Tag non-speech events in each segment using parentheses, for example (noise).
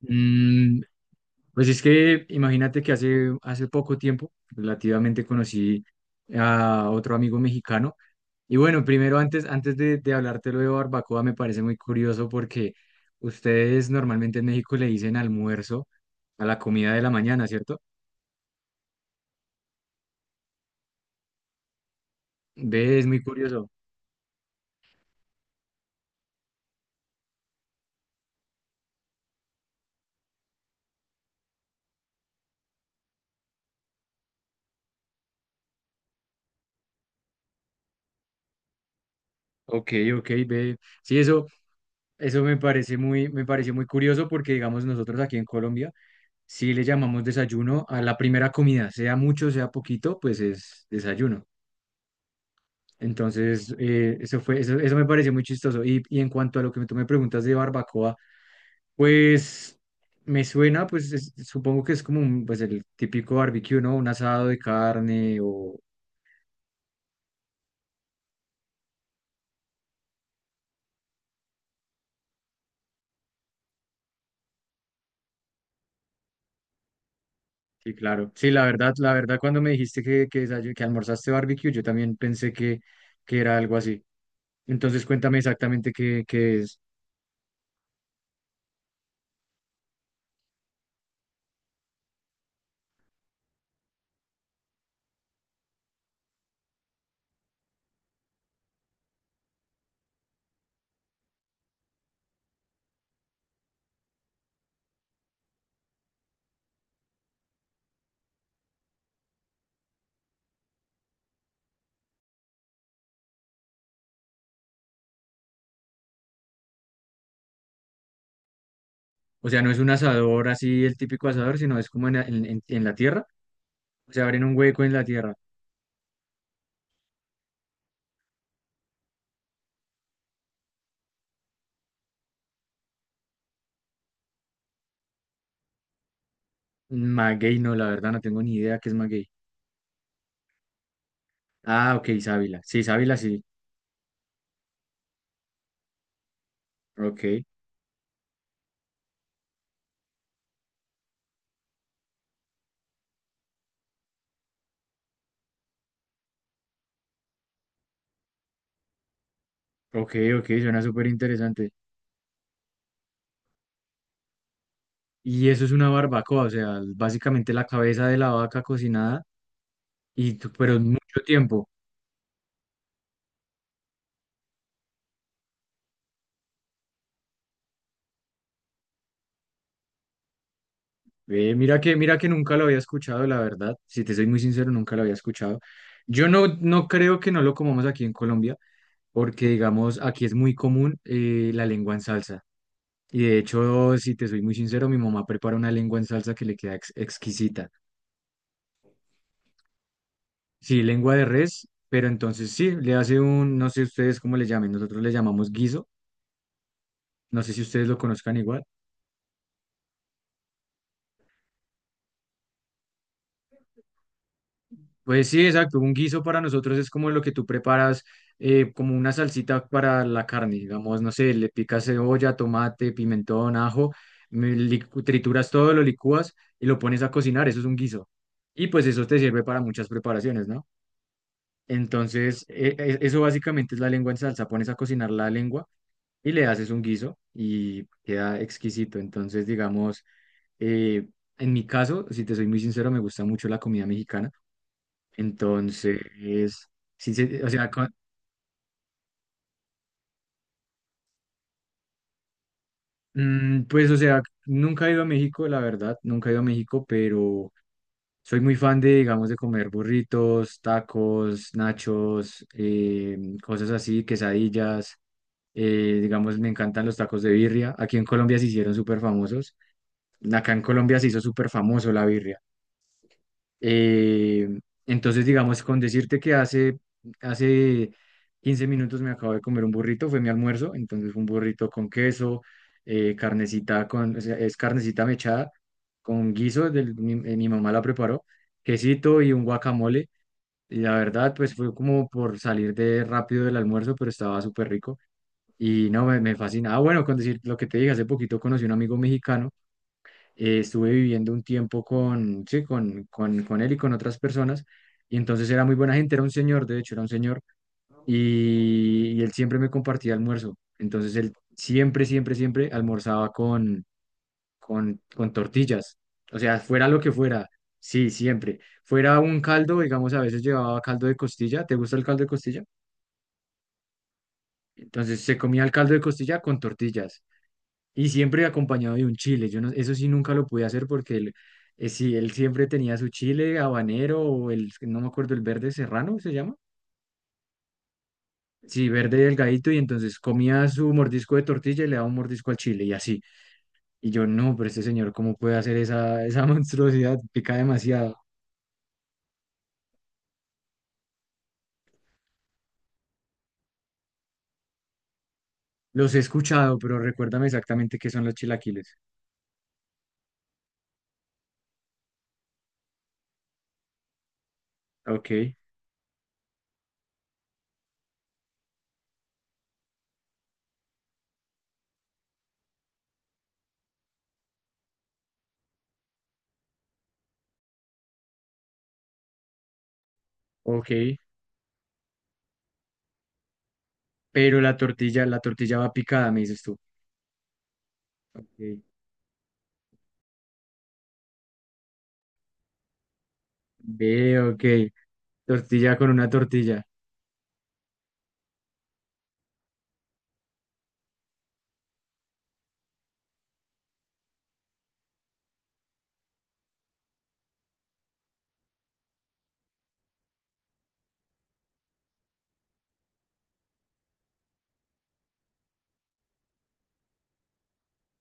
Mm, pues es que imagínate que hace poco tiempo relativamente conocí a otro amigo mexicano. Y bueno, primero antes de hablarte lo de barbacoa, me parece muy curioso porque ustedes normalmente en México le dicen almuerzo a la comida de la mañana, ¿cierto? Ve, es muy curioso. Ok, ok, ve. Sí, eso me parece muy, me pareció muy curioso porque, digamos, nosotros aquí en Colombia sí le llamamos desayuno a la primera comida, sea mucho, sea poquito, pues es desayuno. Entonces, eso fue, eso me pareció muy chistoso. Y en cuanto a lo que tú me preguntas de barbacoa, pues me suena, pues supongo que es como un, pues el típico barbecue, ¿no? Un asado de carne o... Sí, claro. Sí, la verdad, cuando me dijiste que almorzaste barbecue, yo también pensé que era algo así. Entonces, cuéntame exactamente qué es. O sea, no es un asador así, el típico asador, sino es como en la tierra. O sea, abren un hueco en la tierra. Maguey, no, la verdad, no tengo ni idea qué es maguey. Ah, ok, sábila. Sí, sábila, sí. Ok, ok, suena súper interesante. Y eso es una barbacoa, o sea, básicamente la cabeza de la vaca cocinada, pero en mucho tiempo. Ve, mira que nunca lo había escuchado, la verdad. Si te soy muy sincero, nunca lo había escuchado. Yo no, no creo que no lo comamos aquí en Colombia, porque digamos, aquí es muy común la lengua en salsa. Y de hecho, si te soy muy sincero, mi mamá prepara una lengua en salsa que le queda exquisita. Sí, lengua de res, pero entonces sí, le hace un, no sé ustedes cómo le llamen, nosotros le llamamos guiso, no sé si ustedes lo conozcan igual. Pues sí, exacto, un guiso para nosotros es como lo que tú preparas, como una salsita para la carne, digamos, no sé, le picas cebolla, tomate, pimentón, ajo, trituras todo, lo licúas y lo pones a cocinar, eso es un guiso. Y pues eso te sirve para muchas preparaciones, ¿no? Entonces, eso básicamente es la lengua en salsa, pones a cocinar la lengua y le haces un guiso y queda exquisito. Entonces, digamos, eh, en mi caso, si te soy muy sincero, me gusta mucho la comida mexicana. Entonces, sí, o sea, mm, pues, o sea, nunca he ido a México, la verdad, nunca he ido a México, pero soy muy fan de, digamos, de comer burritos, tacos, nachos, cosas así, quesadillas. Digamos, me encantan los tacos de birria. Aquí en Colombia se hicieron súper famosos. Acá en Colombia se hizo súper famoso la birria. Eh, entonces, digamos, con decirte hace 15 minutos me acabo de comer un burrito, fue mi almuerzo, entonces fue un burrito con queso, carnecita con, o sea, es carnecita mechada con guiso, mi mamá la preparó, quesito y un guacamole, y la verdad, pues fue como por salir de rápido del almuerzo, pero estaba súper rico, y no, me fascina. Ah, bueno, con decir lo que te dije, hace poquito conocí un amigo mexicano, estuve viviendo un tiempo con él y con otras personas, y entonces era muy buena gente, era un señor, de hecho, era un señor, y él siempre me compartía almuerzo, entonces él siempre almorzaba con tortillas, o sea, fuera lo que fuera, sí, siempre. Fuera un caldo, digamos, a veces llevaba caldo de costilla, ¿te gusta el caldo de costilla? Entonces se comía el caldo de costilla con tortillas. Y siempre acompañado de un chile. Yo no, eso sí nunca lo pude hacer porque él, sí, él siempre tenía su chile habanero o el, no me acuerdo, el verde serrano se llama. Sí, verde delgadito y entonces comía su mordisco de tortilla y le daba un mordisco al chile y así. Y yo, no, pero este señor, ¿cómo puede hacer esa (laughs) monstruosidad? Pica demasiado. Los he escuchado, pero recuérdame exactamente qué son los chilaquiles. Ok, ok. Pero la tortilla va picada, me dices tú. Ok. Ve, ok. Tortilla con una tortilla.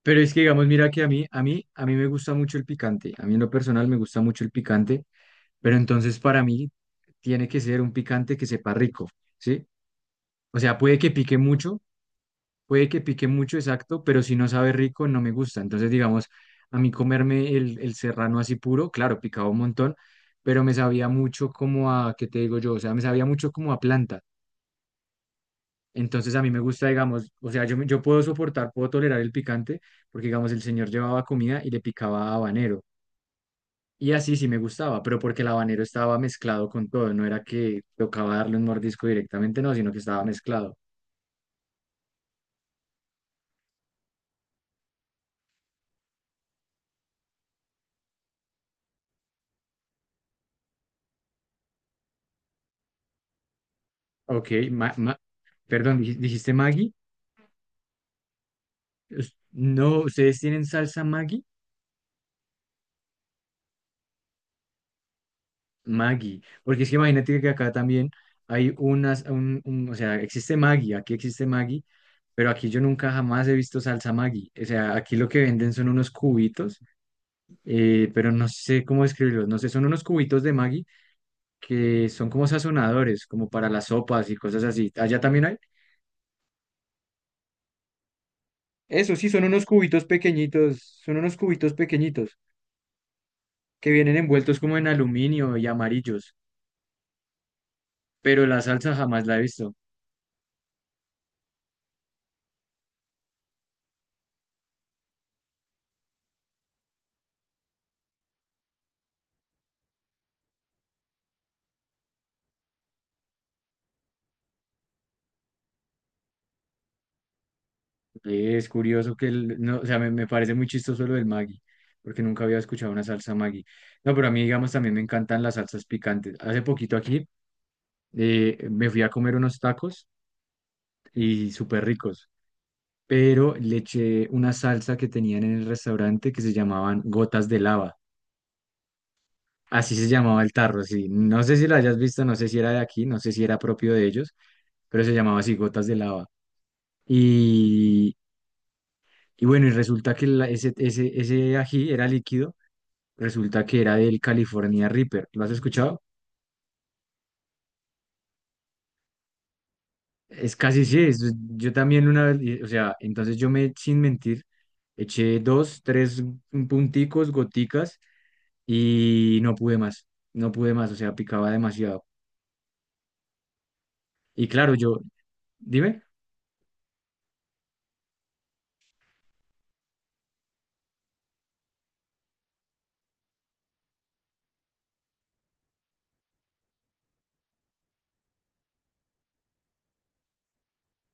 Pero es que, digamos, mira que a mí, a mí, a mí me gusta mucho el picante. A mí en lo personal me gusta mucho el picante, pero entonces para mí tiene que ser un picante que sepa rico, ¿sí? O sea, puede que pique mucho, exacto, pero si no sabe rico, no me gusta. Entonces, digamos, a mí comerme el serrano así puro, claro, picaba un montón, pero me sabía mucho como a, ¿qué te digo yo? O sea, me sabía mucho como a planta. Entonces a mí me gusta, digamos, o sea, yo puedo soportar, puedo tolerar el picante, porque digamos, el señor llevaba comida y le picaba habanero. Y así sí me gustaba, pero porque el habanero estaba mezclado con todo, no era que tocaba darle un mordisco directamente, no, sino que estaba mezclado. Ok, ma- ma- ¿Dijiste Maggi? No, ¿ustedes tienen salsa Maggi? Maggi, porque es que imagínate que acá también hay unas, un- o sea, existe Maggi, aquí existe Maggi, pero aquí yo nunca jamás he visto salsa Maggi. O sea, aquí lo que venden son unos cubitos, pero no sé cómo describirlos, no sé, son unos cubitos de Maggi que son como sazonadores, como para las sopas y cosas así. Allá también hay. Eso sí, son unos cubitos pequeñitos que vienen envueltos como en aluminio y amarillos, pero la salsa jamás la he visto. Es curioso que, no, o sea, me parece muy chistoso lo del Maggi, porque nunca había escuchado una salsa Maggi. No, pero a mí, digamos, también me encantan las salsas picantes. Hace poquito aquí me fui a comer unos tacos y súper ricos. Pero le eché una salsa que tenían en el restaurante que se llamaban gotas de lava. Así se llamaba el tarro, sí. No sé si lo hayas visto, no sé si era de aquí, no sé si era propio de ellos, pero se llamaba así, gotas de lava. Y, y bueno, y resulta que ese, ese ají era líquido, resulta que era del California Reaper. ¿Lo has escuchado? Es casi sí, yo también una vez, o sea, entonces yo me, sin mentir, eché dos, tres punticos, goticas y no pude más, no pude más, o sea, picaba demasiado. Y claro, yo, dime,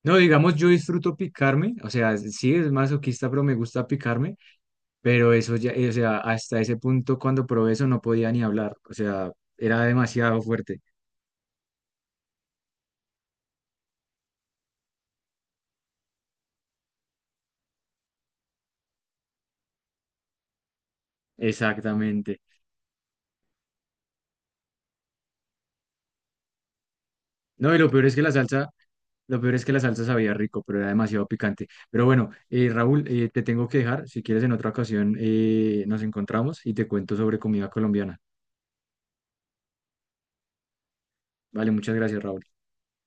no, digamos, yo disfruto picarme, o sea, sí es masoquista, pero me gusta picarme, pero eso ya, o sea, hasta ese punto cuando probé eso no podía ni hablar, o sea, era demasiado fuerte, exactamente. No, y lo peor es que la salsa, lo peor es que la salsa sabía rico, pero era demasiado picante. Pero bueno, Raúl, te tengo que dejar, si quieres en otra ocasión nos encontramos y te cuento sobre comida colombiana. Vale, muchas gracias, Raúl.